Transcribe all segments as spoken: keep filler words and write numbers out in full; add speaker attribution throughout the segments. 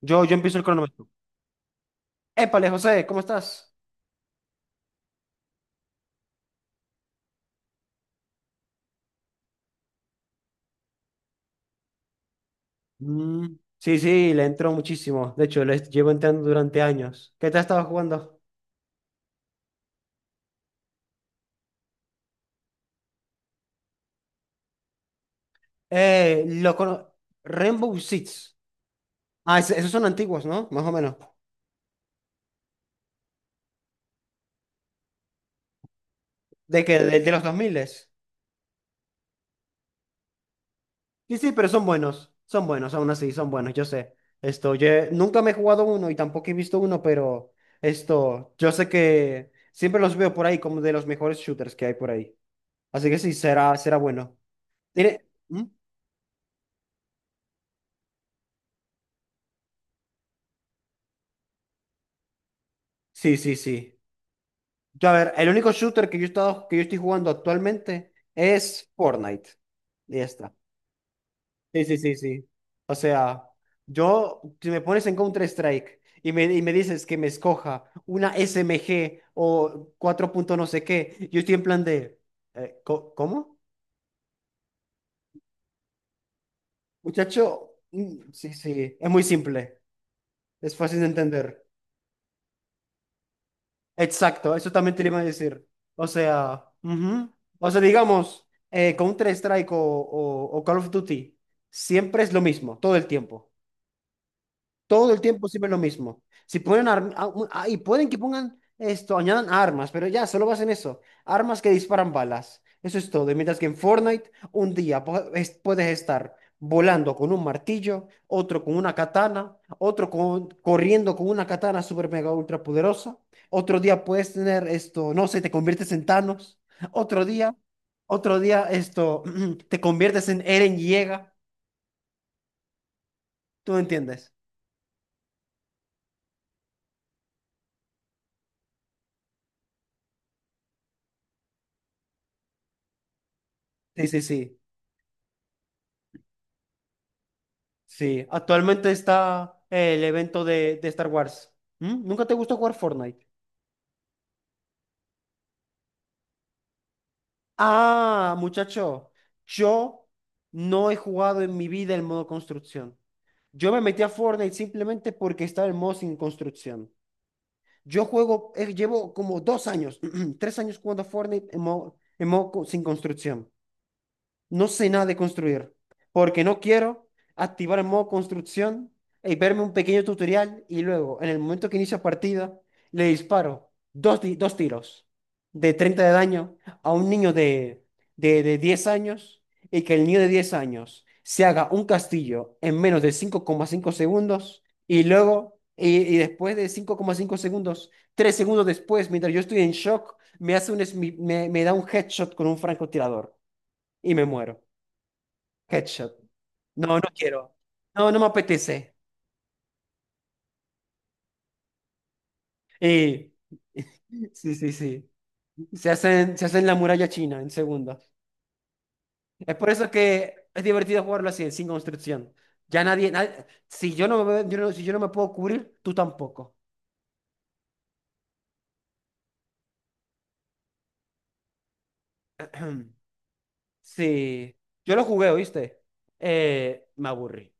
Speaker 1: Yo, yo empiezo el cronómetro. Épale, José, ¿cómo estás? Mm, sí, sí, le entró muchísimo. De hecho, le llevo entrando durante años. ¿Qué te has estado jugando? Eh, lo cono- Rainbow Six. Ah, es- esos son antiguos, ¿no? Más o menos. ¿De que ¿De, de los dos mil? Sí, sí, pero son buenos. Son buenos, aún así, son buenos, yo sé. Esto, yo he- nunca me he jugado uno y tampoco he visto uno, pero esto, yo sé que siempre los veo por ahí como de los mejores shooters que hay por ahí. Así que sí, será, será bueno. Tiene- ¿Mm? Sí, sí, sí. Yo, a ver, el único shooter que yo he estado, que yo estoy jugando actualmente es Fortnite. Y ya está. Sí, sí, sí, sí. O sea, yo, si me pones en Counter-Strike y me, y me dices que me escoja una S M G o cuatro punto no sé qué, yo estoy en plan de, eh, co- ¿cómo? Muchacho, mm, sí, sí, es muy simple, es fácil de entender. Exacto, eso también te lo iba a decir. O sea, ujú. O sea, digamos, eh, Counter-Strike o, o- o Call of Duty, siempre es lo mismo, todo el tiempo. Todo el tiempo siempre lo mismo. Si ponen arm- ah, un- ah, y pueden que pongan esto, añadan armas, pero ya, solo basen eso. Armas que disparan balas. Eso es todo. Y mientras que en Fortnite, un día po- es- puedes estar volando con un martillo, otro con una katana, otro con- corriendo con una katana super mega ultra poderosa. Otro día puedes tener esto, no sé, te conviertes en Thanos. Otro día, otro día esto, te conviertes en Eren Yeager. ¿Tú entiendes? Sí, sí, sí. Sí, actualmente está el evento de, de Star Wars. ¿Mm? ¿Nunca te gustó jugar Fortnite? Ah, muchacho, yo no he jugado en mi vida el modo construcción. Yo me metí a Fortnite simplemente porque estaba el modo sin construcción. Yo juego, eh, llevo como dos años, tres años jugando a Fortnite en modo, en modo co- sin construcción. No sé nada de construir, porque no quiero activar el modo construcción y verme un pequeño tutorial y luego, en el momento que inicio partida, le disparo dos, ti- dos tiros de treinta de daño a un niño de, de, de diez años y que el niño de diez años se haga un castillo en menos de cinco coma cinco segundos y luego, y, y después de cinco coma cinco segundos, tres segundos después, mientras yo estoy en shock, me hace un, smi- me me da un headshot con un francotirador y me muero. Headshot. No, no quiero. No, no me apetece. Y sí, sí, sí. Se hacen, se hacen la muralla china en segundos. Es por eso que es divertido jugarlo así, sin construcción. Ya nadie, nadie- si yo no me, veo- yo no- si yo no me puedo cubrir, tú tampoco. Sí. Yo lo jugué, ¿oíste? Eh, me aburrí.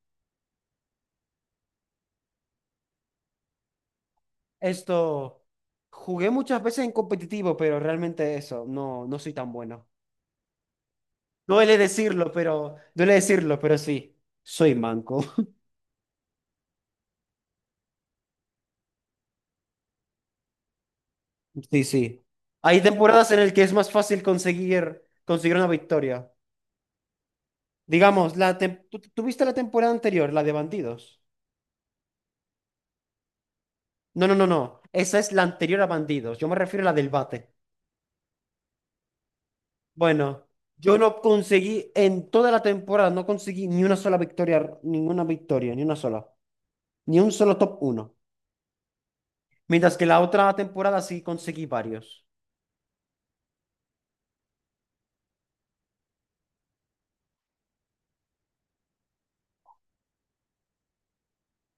Speaker 1: Esto, jugué muchas veces en competitivo, pero realmente eso, no, no soy tan bueno. No Duele decirlo, pero, duele decirlo, pero sí, soy manco. Sí, sí. Hay temporadas en el que es más fácil conseguir, conseguir una victoria. Digamos, la tem- ¿tú, tú viste la temporada anterior, la de Bandidos? No, no, no, no. Esa es la anterior a Bandidos. Yo me refiero a la del bate. Bueno, yo no conseguí, en toda la temporada, no conseguí ni una sola victoria, ninguna victoria, ni una sola. Ni un solo top uno. Mientras que la otra temporada sí conseguí varios.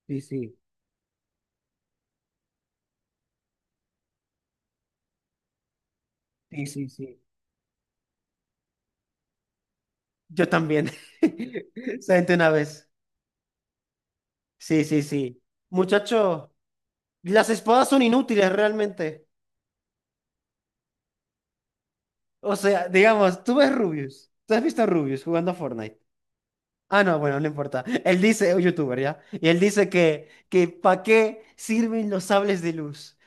Speaker 1: Sí, sí, sí, sí, sí. Yo también. Solamente una vez. Sí, sí, sí. Muchacho. Las espadas son inútiles realmente. O sea, digamos, tú ves Rubius. ¿Tú has visto a Rubius jugando a Fortnite? Ah, no, bueno, no importa. Él dice, un youtuber, ¿ya? Y él dice que, que ¿para qué sirven los sables de luz?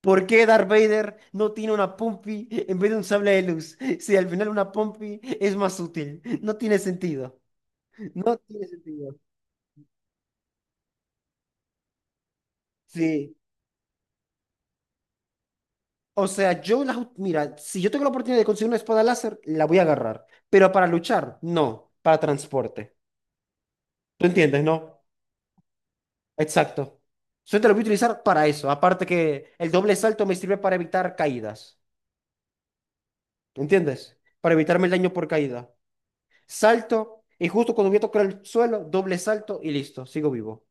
Speaker 1: ¿Por qué Darth Vader no tiene una Pompi en vez de un sable de luz? Si al final una Pompi es más útil. No tiene sentido. No tiene sentido. Sí. O sea, yo las... ut- Mira, si yo tengo la oportunidad de conseguir una espada láser, la voy a agarrar. Pero para luchar, no. Para transporte. ¿Tú entiendes, no? Exacto. Yo te lo voy a utilizar para eso. Aparte que el doble salto me sirve para evitar caídas. ¿Entiendes? Para evitarme el daño por caída. Salto y justo cuando voy a tocar el suelo, doble salto y listo, sigo vivo.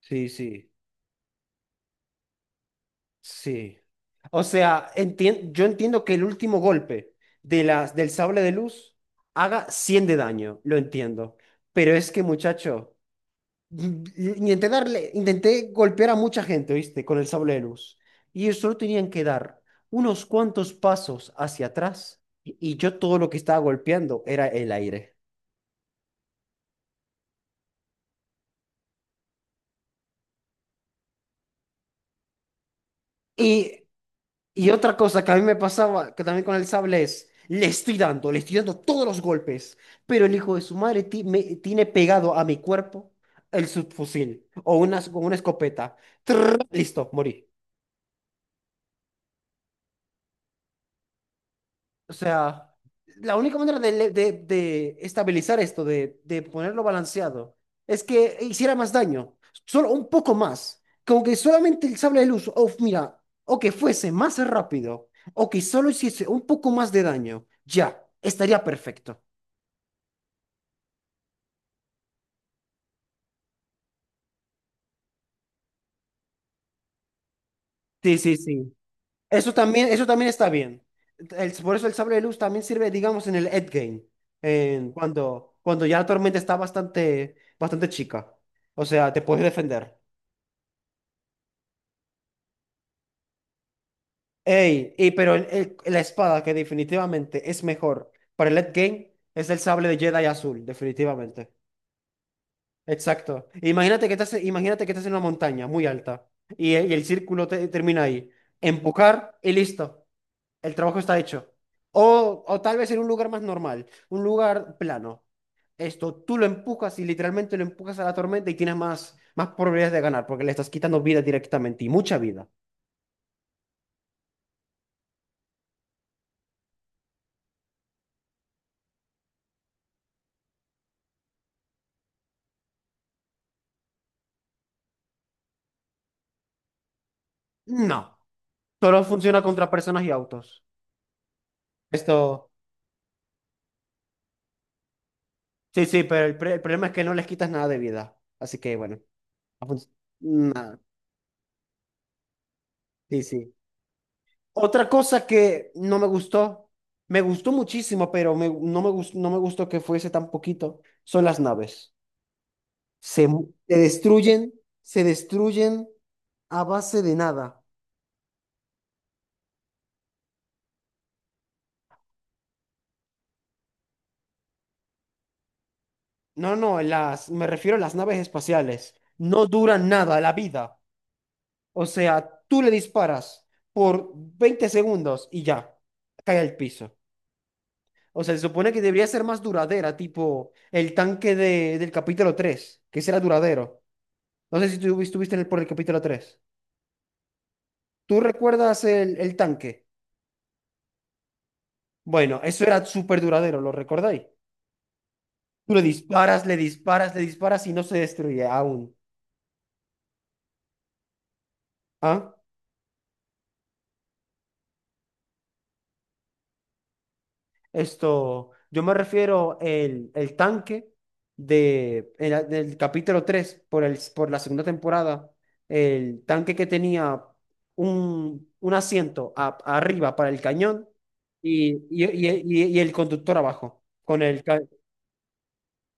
Speaker 1: Sí, sí, sí. O sea, entien- yo entiendo que el último golpe de las del sable de luz haga cien de daño, lo entiendo. Pero es que, muchacho, Intenté darle, intenté golpear a mucha gente, ¿viste? Con el sable de luz. Y ellos solo tenían que dar unos cuantos pasos hacia atrás. Y y yo todo lo que estaba golpeando era el aire. Y, y otra cosa que a mí me pasaba, que también con el sable es, le estoy dando, le estoy dando todos los golpes. Pero el hijo de su madre ti- me, tiene pegado a mi cuerpo el subfusil o una, o una escopeta. Trrr, listo, morí. O sea, la única manera de, le- de- de estabilizar esto, de, de ponerlo balanceado, es que hiciera más daño, solo un poco más. Como que solamente el sable de luz, o mira, o que fuese más rápido, o que solo hiciese un poco más de daño, ya, estaría perfecto. Sí, sí, sí. Eso también, eso también está bien. El- por eso el sable de luz también sirve, digamos, en el endgame, en cuando, cuando ya la tormenta está bastante, bastante chica. O sea, te puedes defender. Ey, y pero el- el- la espada que definitivamente es mejor para el endgame es el sable de Jedi azul, definitivamente. Exacto. Imagínate que estás, imagínate que estás en una montaña muy alta y, el y el círculo te- termina ahí. Empujar y listo. El trabajo está hecho. O, o tal vez en un lugar más normal, un lugar plano. Esto, tú lo empujas y literalmente lo empujas a la tormenta y tienes más, más probabilidades de ganar porque le estás quitando vida directamente y mucha vida. No, solo funciona contra personas y autos. Esto, sí, sí, pero el, pre- el problema es que no les quitas nada de vida. Así que bueno, ha func- nada. Sí, sí. Otra cosa que no me gustó, me gustó muchísimo, pero me- no me gustó, no me gustó que fuese tan poquito, son las naves. Se, mu- se destruyen, se destruyen a base de nada. No, no, las, me refiero a las naves espaciales. No duran nada la vida. O sea, tú le disparas por veinte segundos y ya, cae al piso. O sea, se supone que debería ser más duradera, tipo el tanque de, del capítulo tres, que ese era duradero. No sé si tú estuviste en el, por el capítulo tres. ¿Tú recuerdas el, el tanque? Bueno, eso era súper duradero, ¿lo recordáis? Tú le disparas, le disparas, le disparas y no se destruye aún. ¿Ah? Esto, yo me refiero el, el tanque de, el- del capítulo tres por, el, por la segunda temporada, el tanque que tenía un, un asiento a- arriba para el cañón y, y, y- y- y el conductor abajo, con el, ca-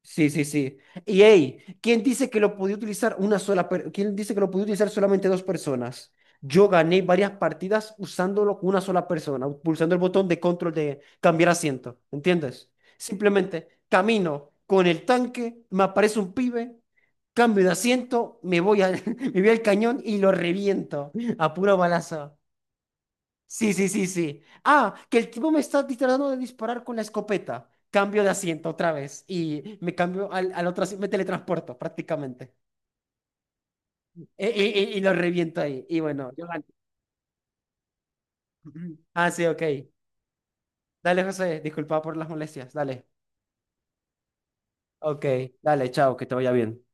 Speaker 1: Sí, sí, sí. Y hey, ¿quién dice que lo podía utilizar una sola per- ¿Quién dice que lo podía utilizar solamente dos personas? Yo gané varias partidas usándolo con una sola persona, pulsando el botón de control de cambiar asiento, ¿entiendes? Simplemente camino con el tanque, me aparece un pibe, cambio de asiento, me voy al, me voy al cañón y lo reviento a puro balazo. Sí, sí, sí, sí. Ah, que el tipo me está di- tratando de disparar con la escopeta. Cambio de asiento otra vez y me cambio al, al otro asiento, me teletransporto prácticamente. E- y e- Y, lo reviento ahí. Y bueno, yo gané. Ah, sí, ok. Dale, José, disculpa por las molestias. Dale. Ok, dale, chao, que te vaya bien.